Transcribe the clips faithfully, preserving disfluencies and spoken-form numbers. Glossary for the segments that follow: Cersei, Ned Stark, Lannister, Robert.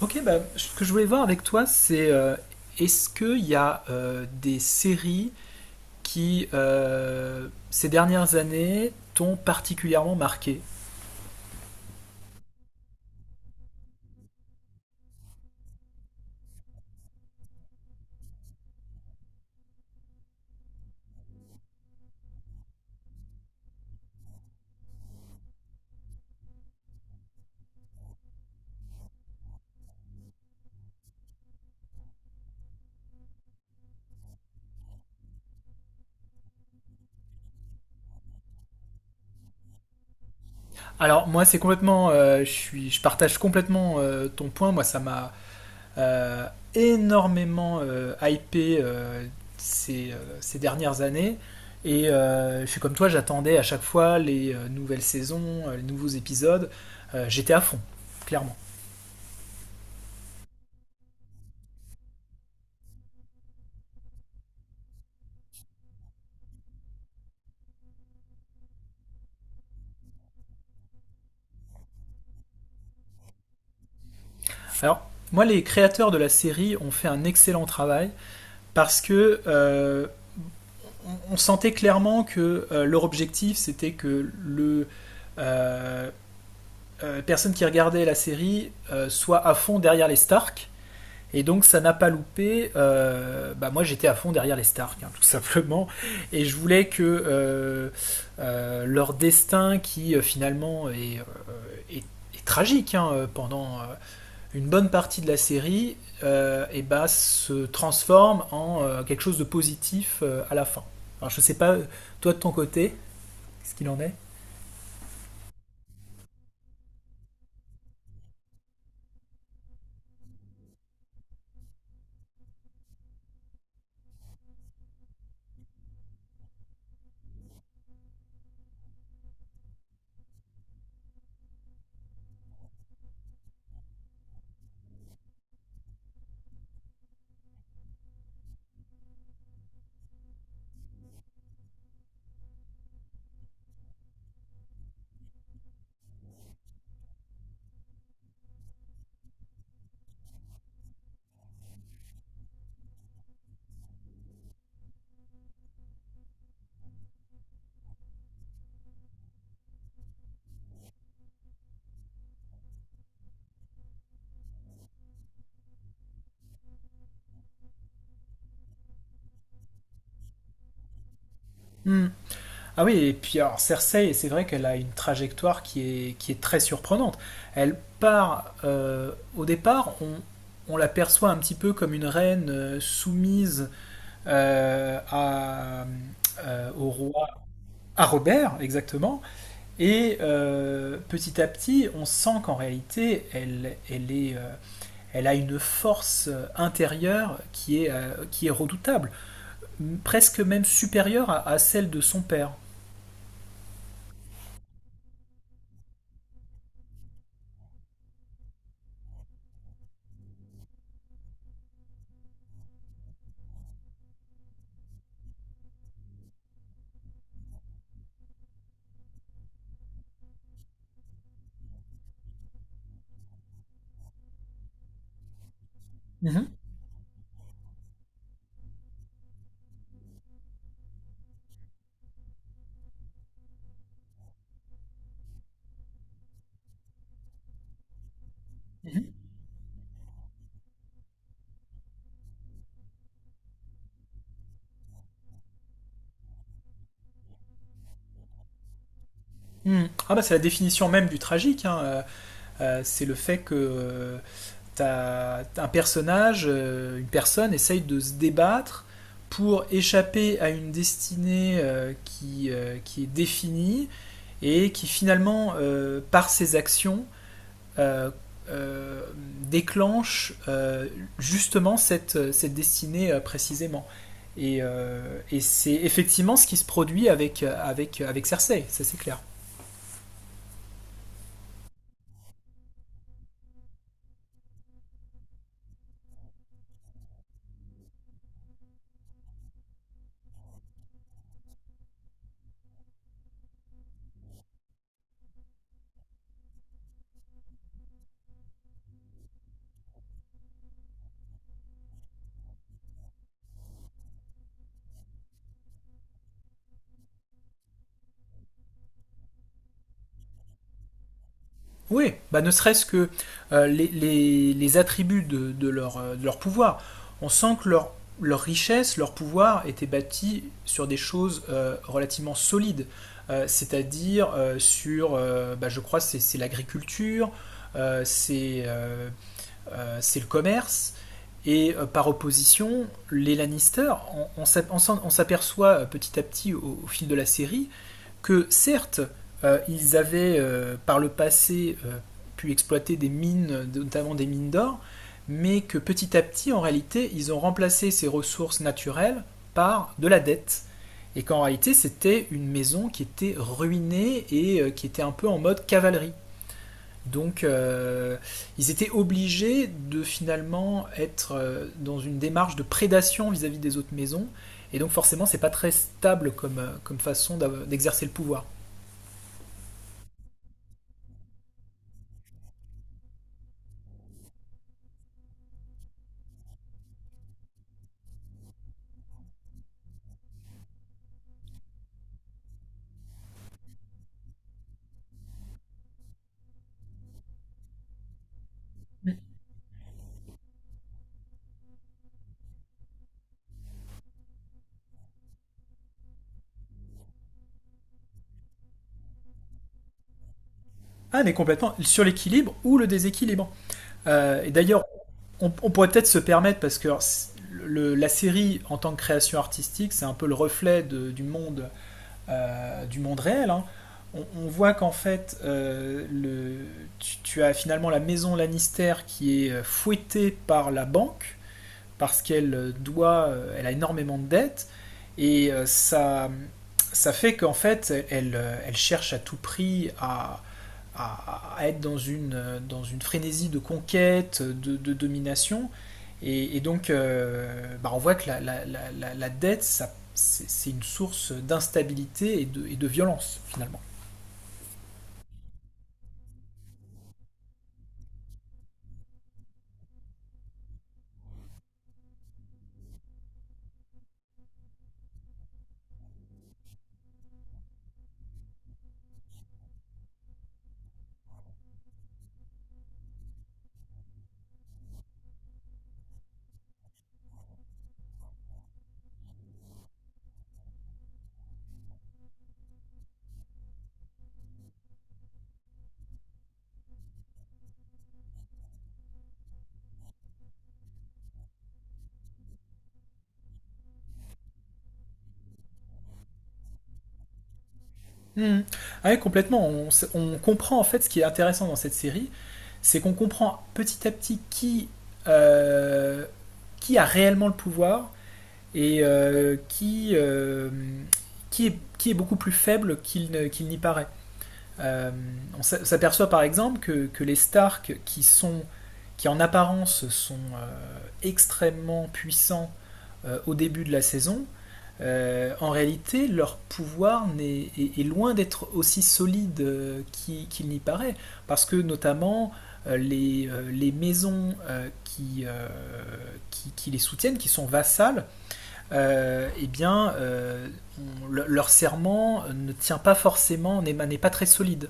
Ok, bah, Ce que je voulais voir avec toi, c'est euh, est-ce qu'il y a euh, des séries qui, euh, ces dernières années, t'ont particulièrement marqué? Alors, moi, c'est complètement, euh, je suis, je partage complètement euh, ton point. Moi, ça m'a euh, énormément euh, hypé euh, ces, euh, ces dernières années. Et euh, je suis comme toi, j'attendais à chaque fois les euh, nouvelles saisons, euh, les nouveaux épisodes. Euh, j'étais à fond, clairement. Alors, moi, les créateurs de la série ont fait un excellent travail parce que euh, on sentait clairement que euh, leur objectif, c'était que le euh, euh, personne qui regardait la série euh, soit à fond derrière les Stark. Et donc ça n'a pas loupé. Euh, bah moi j'étais à fond derrière les Stark, hein, tout simplement. Et je voulais que euh, euh, leur destin, qui euh, finalement est, euh, est- est tragique hein, euh, pendant euh, une bonne partie de la série euh, eh ben, se transforme en euh, quelque chose de positif euh, à la fin. Alors, je sais pas, toi de ton côté, qu'est-ce qu'il en est. Hmm. Ah oui, et puis alors Cersei, c'est vrai qu'elle a une trajectoire qui est, qui est très surprenante. Elle part, euh, au départ, on, on la perçoit un petit peu comme une reine euh, soumise euh, à, euh, au roi, à Robert, exactement. Et euh, petit à petit, on sent qu'en réalité, elle, elle, est, euh, elle a une force euh, intérieure qui est, euh, qui est redoutable, presque même supérieure à, à celle de son père. Mhm. Mhm. Mhm. Ah bah c'est la définition même du tragique, hein. Euh, euh, c'est le fait que euh, t'as un personnage, euh, une personne essaye de se débattre pour échapper à une destinée euh, qui, euh, qui est définie et qui finalement, euh, par ses actions, euh, euh, déclenche euh, justement cette, cette destinée euh, précisément. Et, euh, et c'est effectivement ce qui se produit avec, avec, avec Cersei, ça c'est clair. Oui, bah ne serait-ce que euh, les, les- les attributs de, de leur, euh, de leur pouvoir. On sent que leur, leur richesse, leur pouvoir était bâti sur des choses euh, relativement solides. Euh, c'est-à-dire euh, sur, euh, bah, je crois, c'est c'est l'agriculture, euh, c'est euh, euh, c'est le commerce. Et euh, par opposition, les Lannister, on, on on s'aperçoit euh, petit à petit au, au fil de la série, que certes, euh, ils avaient euh, par le passé euh, pu exploiter des mines, notamment des mines d'or, mais que petit à petit, en réalité, ils ont remplacé ces ressources naturelles par de la dette. Et qu'en réalité, c'était une maison qui était ruinée et euh, qui était un peu en mode cavalerie. Donc euh, Ils étaient obligés de finalement être euh, dans une démarche de prédation vis-à-vis des autres maisons. Et donc forcément c'est pas très stable comme, euh, comme façon d'exercer le pouvoir. Ah mais complètement sur l'équilibre ou le déséquilibre. Euh, et d'ailleurs on, on pourrait peut-être se permettre parce que le- la série en tant que création artistique c'est un peu le reflet de- du monde euh, du monde réel, hein. On, on voit qu'en fait, euh, le, tu, tu as finalement la maison Lannister qui est euh, fouettée par la banque parce qu'elle euh, doit, euh, elle a énormément de dettes et euh, ça, ça fait qu'en fait elle, euh, elle cherche à tout prix à, à, à être dans une, euh, dans une frénésie de conquête, de, de domination. Et, et donc, euh, bah, on voit que la, la, la, la dette, ça, c'est, c'est une source d'instabilité et de, et de violence, finalement. Mmh. Ah oui, complètement. On, s- on comprend en fait ce qui est intéressant dans cette série, c'est qu'on comprend petit à petit qui, euh, qui a réellement le pouvoir et euh, qui, euh, qui, est, qui est beaucoup plus faible qu'il ne- qu'il n'y paraît. Euh, on s'a- s'aperçoit par exemple que, que les Stark, qui, sont, qui en apparence sont euh, extrêmement puissants euh, au début de la saison, euh, en réalité, leur pouvoir est, est, est loin d'être aussi solide euh, qu'il qu'il n'y paraît, parce que notamment euh, les, euh, les maisons euh, qui, euh, qui, qui les soutiennent, qui sont vassales, euh, eh bien, euh, on- le- leur serment ne tient pas forcément, n'est n'est pas très solide.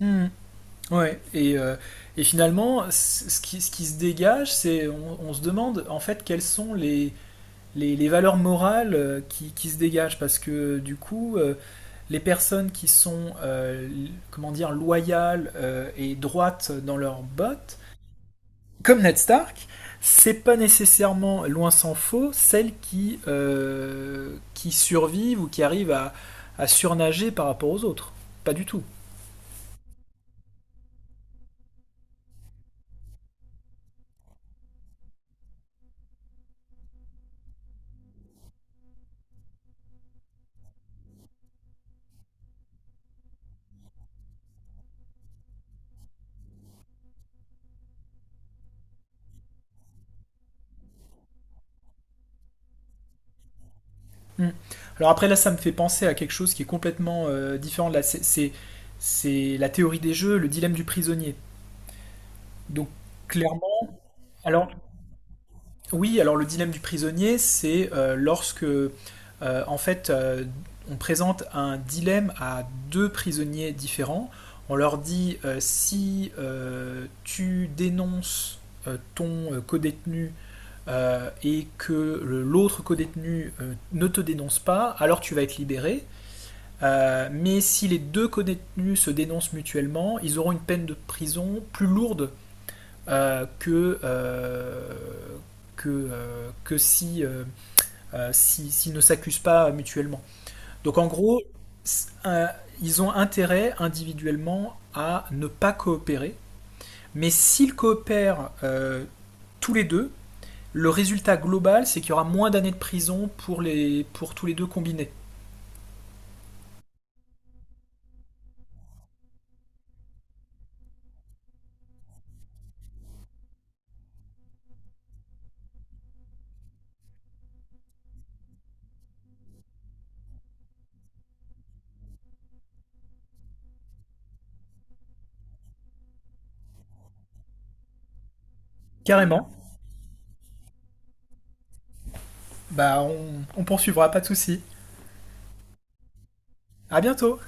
Mmh. Ouais, et, euh, et finalement, ce qui, ce qui se dégage, c'est on, on se demande en fait quels sont les, les, les valeurs morales euh, qui, qui, se dégagent parce que du coup euh, les personnes qui sont euh, comment dire loyales euh, et droites dans leurs bottes comme Ned Stark, c'est pas nécessairement, loin s'en faut, celles qui euh, qui survivent ou qui arrivent à, à surnager par rapport aux autres, pas du tout. Mm. Alors après là, ça me fait penser à quelque chose qui est complètement euh, différent. Là, c'est, c'est, c'est la théorie des jeux, le dilemme du prisonnier. Donc clairement, alors. Oui, alors le dilemme du prisonnier, c'est euh, lorsque, euh, en fait, euh, on présente un dilemme à deux prisonniers différents. On leur dit euh, si euh, tu dénonces euh, ton euh, codétenu euh, et que l'autre codétenu euh, ne te dénonce pas, alors tu vas être libéré. Euh, mais si les deux codétenus se dénoncent mutuellement, ils auront une peine de prison plus lourde euh, que, euh, que, euh, que si, s'ils si, s'ils ne s'accusent pas mutuellement. Donc en gros, s- euh, ils ont intérêt individuellement à ne pas coopérer, mais s'ils coopèrent euh, tous les deux, le résultat global, c'est qu'il y aura moins d'années de prison pour, les, pour tous les deux combinés. Carrément. Bah, on, on poursuivra, pas de souci. À bientôt!